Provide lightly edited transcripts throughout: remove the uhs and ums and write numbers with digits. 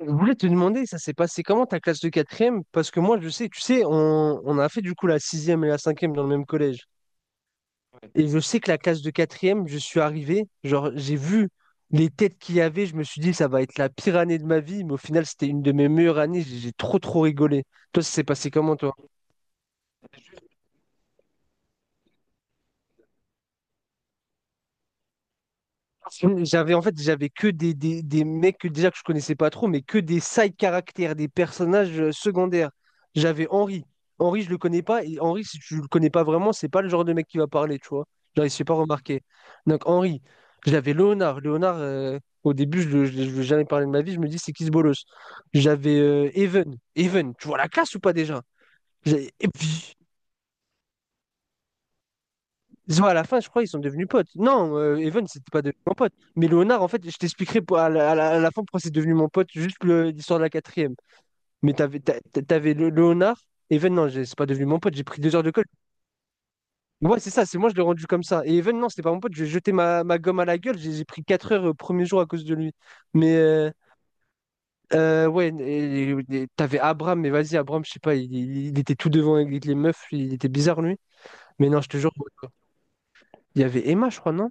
Je voulais te demander, ça s'est passé comment ta classe de quatrième? Parce que moi, je sais, tu sais, on a fait du coup la sixième et la cinquième dans le même collège. Et je sais que la classe de quatrième, je suis arrivé, genre, j'ai vu les têtes qu'il y avait, je me suis dit, ça va être la pire année de ma vie, mais au final, c'était une de mes meilleures années, j'ai trop, trop rigolé. Toi, ça s'est passé comment, toi? J'avais en fait j'avais que des mecs que, déjà que je connaissais pas trop, mais que des side caractères, des personnages secondaires. J'avais Henri. Henri, je le connais pas. Et Henri, si tu le connais pas vraiment, c'est pas le genre de mec qui va parler, tu vois. Genre, il s'est pas remarqué. Donc Henri. J'avais Léonard. Léonard, au début, je ne je, je lui ai jamais parlé de ma vie. Je me dis, c'est qui ce bolos? J'avais Even. Even, tu vois la classe ou pas déjà? Et puis, Zo, à la fin, je crois, ils sont devenus potes. Non, Evan, c'était pas devenu mon pote. Mais Léonard, en fait, je t'expliquerai à à la fin pourquoi c'est devenu mon pote, juste l'histoire de la quatrième. Mais t'avais Léonard, Evan, non, c'est pas devenu mon pote, j'ai pris deux heures de colle. Ouais, c'est ça, c'est moi, je l'ai rendu comme ça. Et Evan, non, c'était pas mon pote, j'ai jeté ma gomme à la gueule, j'ai pris quatre heures au premier jour à cause de lui. Mais euh, ouais, et t'avais Abraham, mais vas-y, Abraham, je sais pas, il était tout devant avec les meufs, il était bizarre, lui. Mais non, je te jure, il y avait Emma, je crois, non?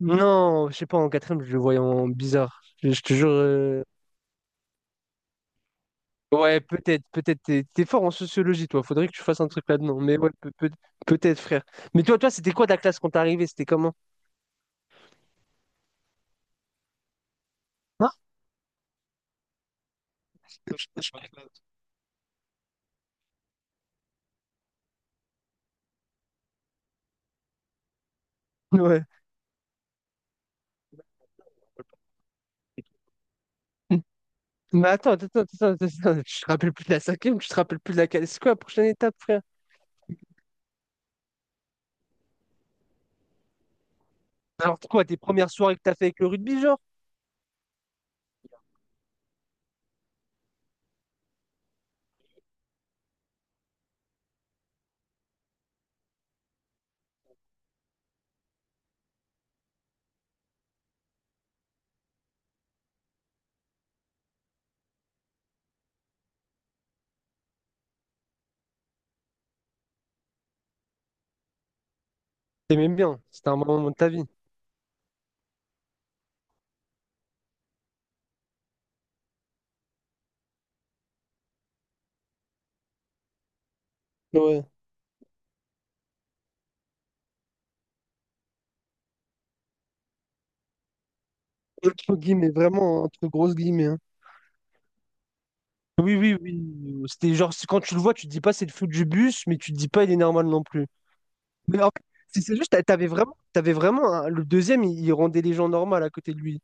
Non, je sais pas, en quatrième, je le voyais en bizarre. Je te jure. Ouais, peut-être, peut-être. T'es fort en sociologie, toi. Faudrait que tu fasses un truc là-dedans. Mais ouais, peut-être, frère. Mais toi, c'était quoi ta classe quand t'es arrivé? C'était comment? Hein. Ouais. Mais attends, je te rappelle plus de la cinquième, tu te rappelles plus de la quatrième. C'est quoi la prochaine étape, frère? Alors quoi, tes premières soirées que t'as fait avec le rugby, genre? T'aimais bien, c'était un moment de ta vie. Ouais, entre guillemets, vraiment, entre grosses guillemets, hein. Oui, oui, oui. C'était genre, quand tu le vois, tu te dis pas c'est le fou du bus, mais tu te dis pas il est normal non plus. Mais en fait, c'est juste, t'avais vraiment, le deuxième, il rendait les gens normaux à côté de lui.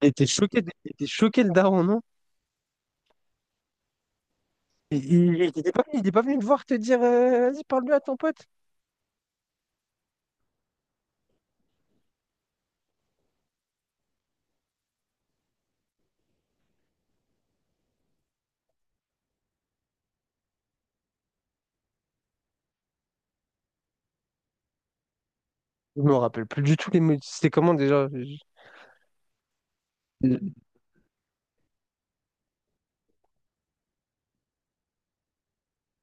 Et t'es choqué, et t'es choqué le daron, non? Il était pas il est pas venu te voir te dire vas-y, parle-lui à ton pote. Je me rappelle plus du tout les mots. C'était comment déjà? Je-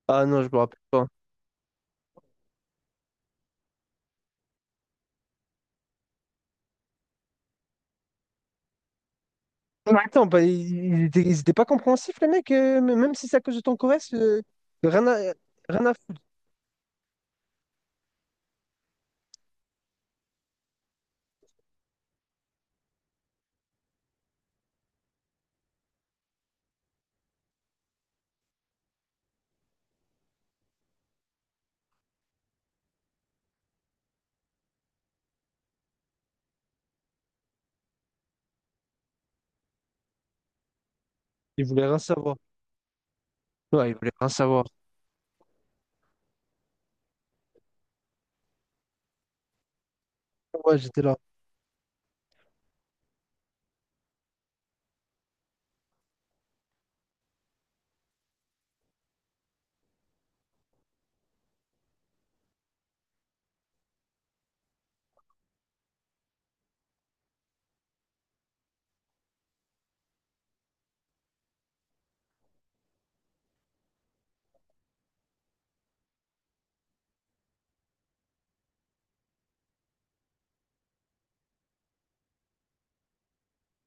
Ah non, je me rappelle pas. Mais attends, bah, ils étaient, ils étaient pas compréhensifs, les mecs, même si c'est à cause de ton Corrèze, rien à, rien à foutre. Ils voulaient rien savoir. Ouais, ils voulaient rien savoir. Ouais, j'étais là.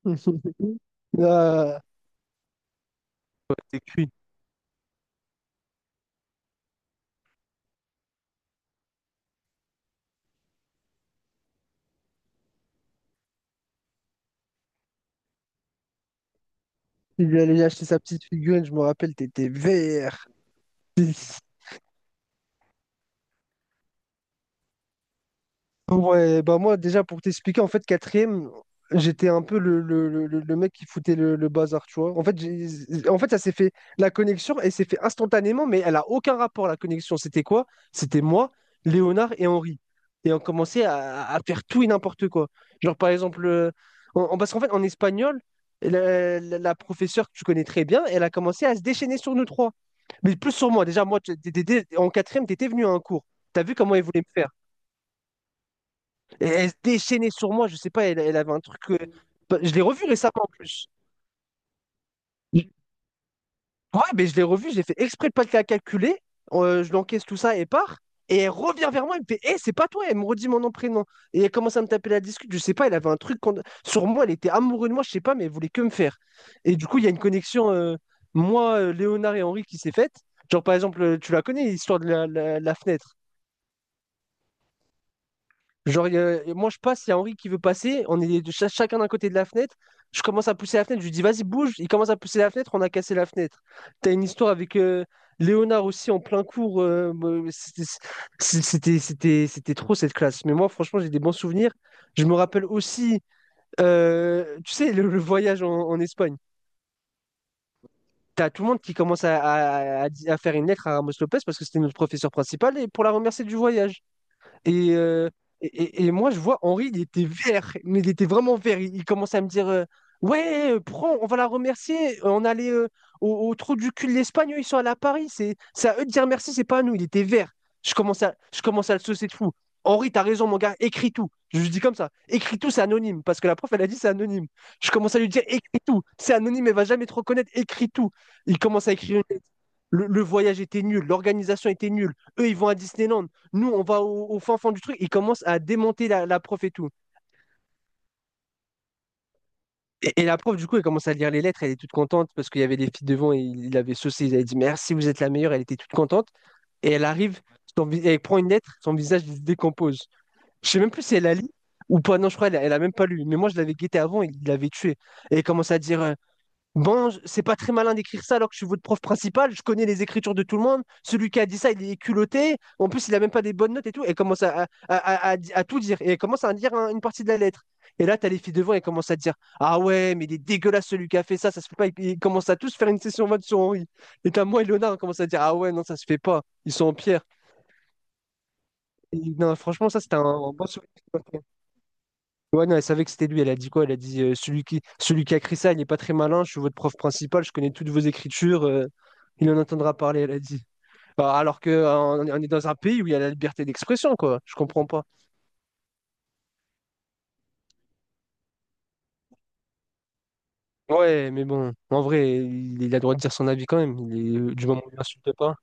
Là, t'es cuit. Il lui allait acheter sa petite figurine, je me rappelle, t'étais vert. Ouais, bah moi déjà pour t'expliquer, en fait quatrième, j'étais un peu le mec qui foutait le bazar, tu vois. En fait, en fait ça s'est fait, la connexion, elle s'est fait instantanément, mais elle a aucun rapport, la connexion. C'était quoi? C'était moi, Léonard et Henri. Et on commençait à faire tout et n'importe quoi. Genre par exemple, parce qu'en fait en espagnol, la professeure que tu connais très bien, elle a commencé à se déchaîner sur nous trois. Mais plus sur moi, déjà moi, en quatrième, t'étais venu à un cours. T'as vu comment elle voulait me faire? Et elle se déchaînait sur moi, je sais pas, elle avait un truc. Bah, je l'ai revu récemment en plus. Je- Ouais, mais je l'ai revu, j'ai fait exprès de pas la calculer. Je l'encaisse tout ça et part. Et elle revient vers moi, elle me fait Eh, c'est pas toi, elle me redit mon nom, prénom. Et elle commence à me taper la discute, je sais pas, elle avait un truc sur moi, elle était amoureuse de moi, je sais pas, mais elle voulait que me faire. Et du coup, il y a une connexion, moi, Léonard et Henri, qui s'est faite. Genre, par exemple, tu la connais, l'histoire de la fenêtre. Genre, moi, je passe, il y a Henri qui veut passer. On est de chacun d'un côté de la fenêtre. Je commence à pousser la fenêtre. Je lui dis, vas-y, bouge. Il commence à pousser la fenêtre. On a cassé la fenêtre. T'as une histoire avec Léonard aussi en plein cours. C'était c'est- c'était- c'était- c'était trop cette classe. Mais moi, franchement, j'ai des bons souvenirs. Je me rappelle aussi, tu sais, le voyage en Espagne. T'as tout le monde qui commence à faire une lettre à Ramos Lopez parce que c'était notre professeur principal et pour la remercier du voyage. Et, euh, et moi, je vois Henri, il était vert, mais il était vraiment vert. Il commençait à me dire ouais, prends, on va la remercier. On allait au, au trou du cul de l'Espagne, eux, ils sont allés à Paris. C'est à eux de dire merci, c'est pas à nous. Il était vert. Je commence à le saucer de fou. Henri, t'as raison, mon gars, écris tout. Je lui dis comme ça écris tout, c'est anonyme, parce que la prof, elle a dit c'est anonyme. Je commence à lui dire écris tout, c'est anonyme, elle va jamais te reconnaître, écris tout. Il commence à écrire une lettre. Le voyage était nul, l'organisation était nulle. Eux, ils vont à Disneyland nous, on va au fin fond du truc. Il commence à démonter la prof et tout. Et la prof, du coup, elle commence à lire les lettres. Elle est toute contente parce qu'il y avait des filles devant et il avait saucé. Il avait dit merci, vous êtes la meilleure. Elle était toute contente. Et elle arrive, elle prend une lettre, son visage se décompose. Je sais même plus si elle la lit ou pas. Non, je crois qu'elle elle a même pas lu. Mais moi, je l'avais guetté avant, il l'avait tué. Et elle commence à dire bon, c'est pas très malin d'écrire ça alors que je suis votre prof principal, je connais les écritures de tout le monde. Celui qui a dit ça, il est culotté. En plus, il a même pas des bonnes notes et tout. Et commence à tout dire. Et il commence à dire une partie de la lettre. Et là, t'as les filles devant et commencent à dire ah ouais, mais il est dégueulasse celui qui a fait ça, ça se fait pas. Ils commencent à tous faire une session 20 sur Henri. Et t'as moi et Léonard, on commence à dire ah ouais, non, ça se fait pas. Ils sont en pierre. Et non, franchement, ça, c'était un bon souvenir. Ouais, non, elle savait que c'était lui. Elle a dit quoi? Elle a dit celui qui a écrit ça, il n'est pas très malin. Je suis votre prof principal, je connais toutes vos écritures. Il en entendra parler, elle a dit. Bah, alors que on est dans un pays où il y a la liberté d'expression, quoi. Je comprends pas. Ouais, mais bon, en vrai, il a le droit de dire son avis quand même. Du moment où il n'insulte pas.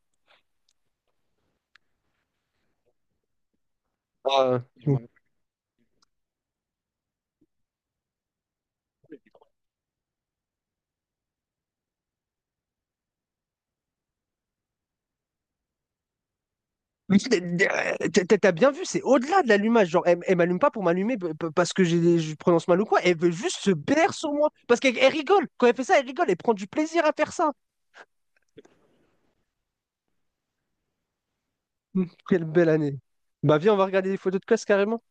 Ah, euh, mais t'as bien vu, c'est au-delà de l'allumage. Genre, elle m'allume pas pour m'allumer parce que je prononce mal ou quoi. Elle veut juste se baire sur moi. Parce qu'elle elle rigole. Quand elle fait ça, elle rigole. Elle prend du plaisir à faire ça. Quelle belle année. Bah viens, on va regarder des photos de classe carrément.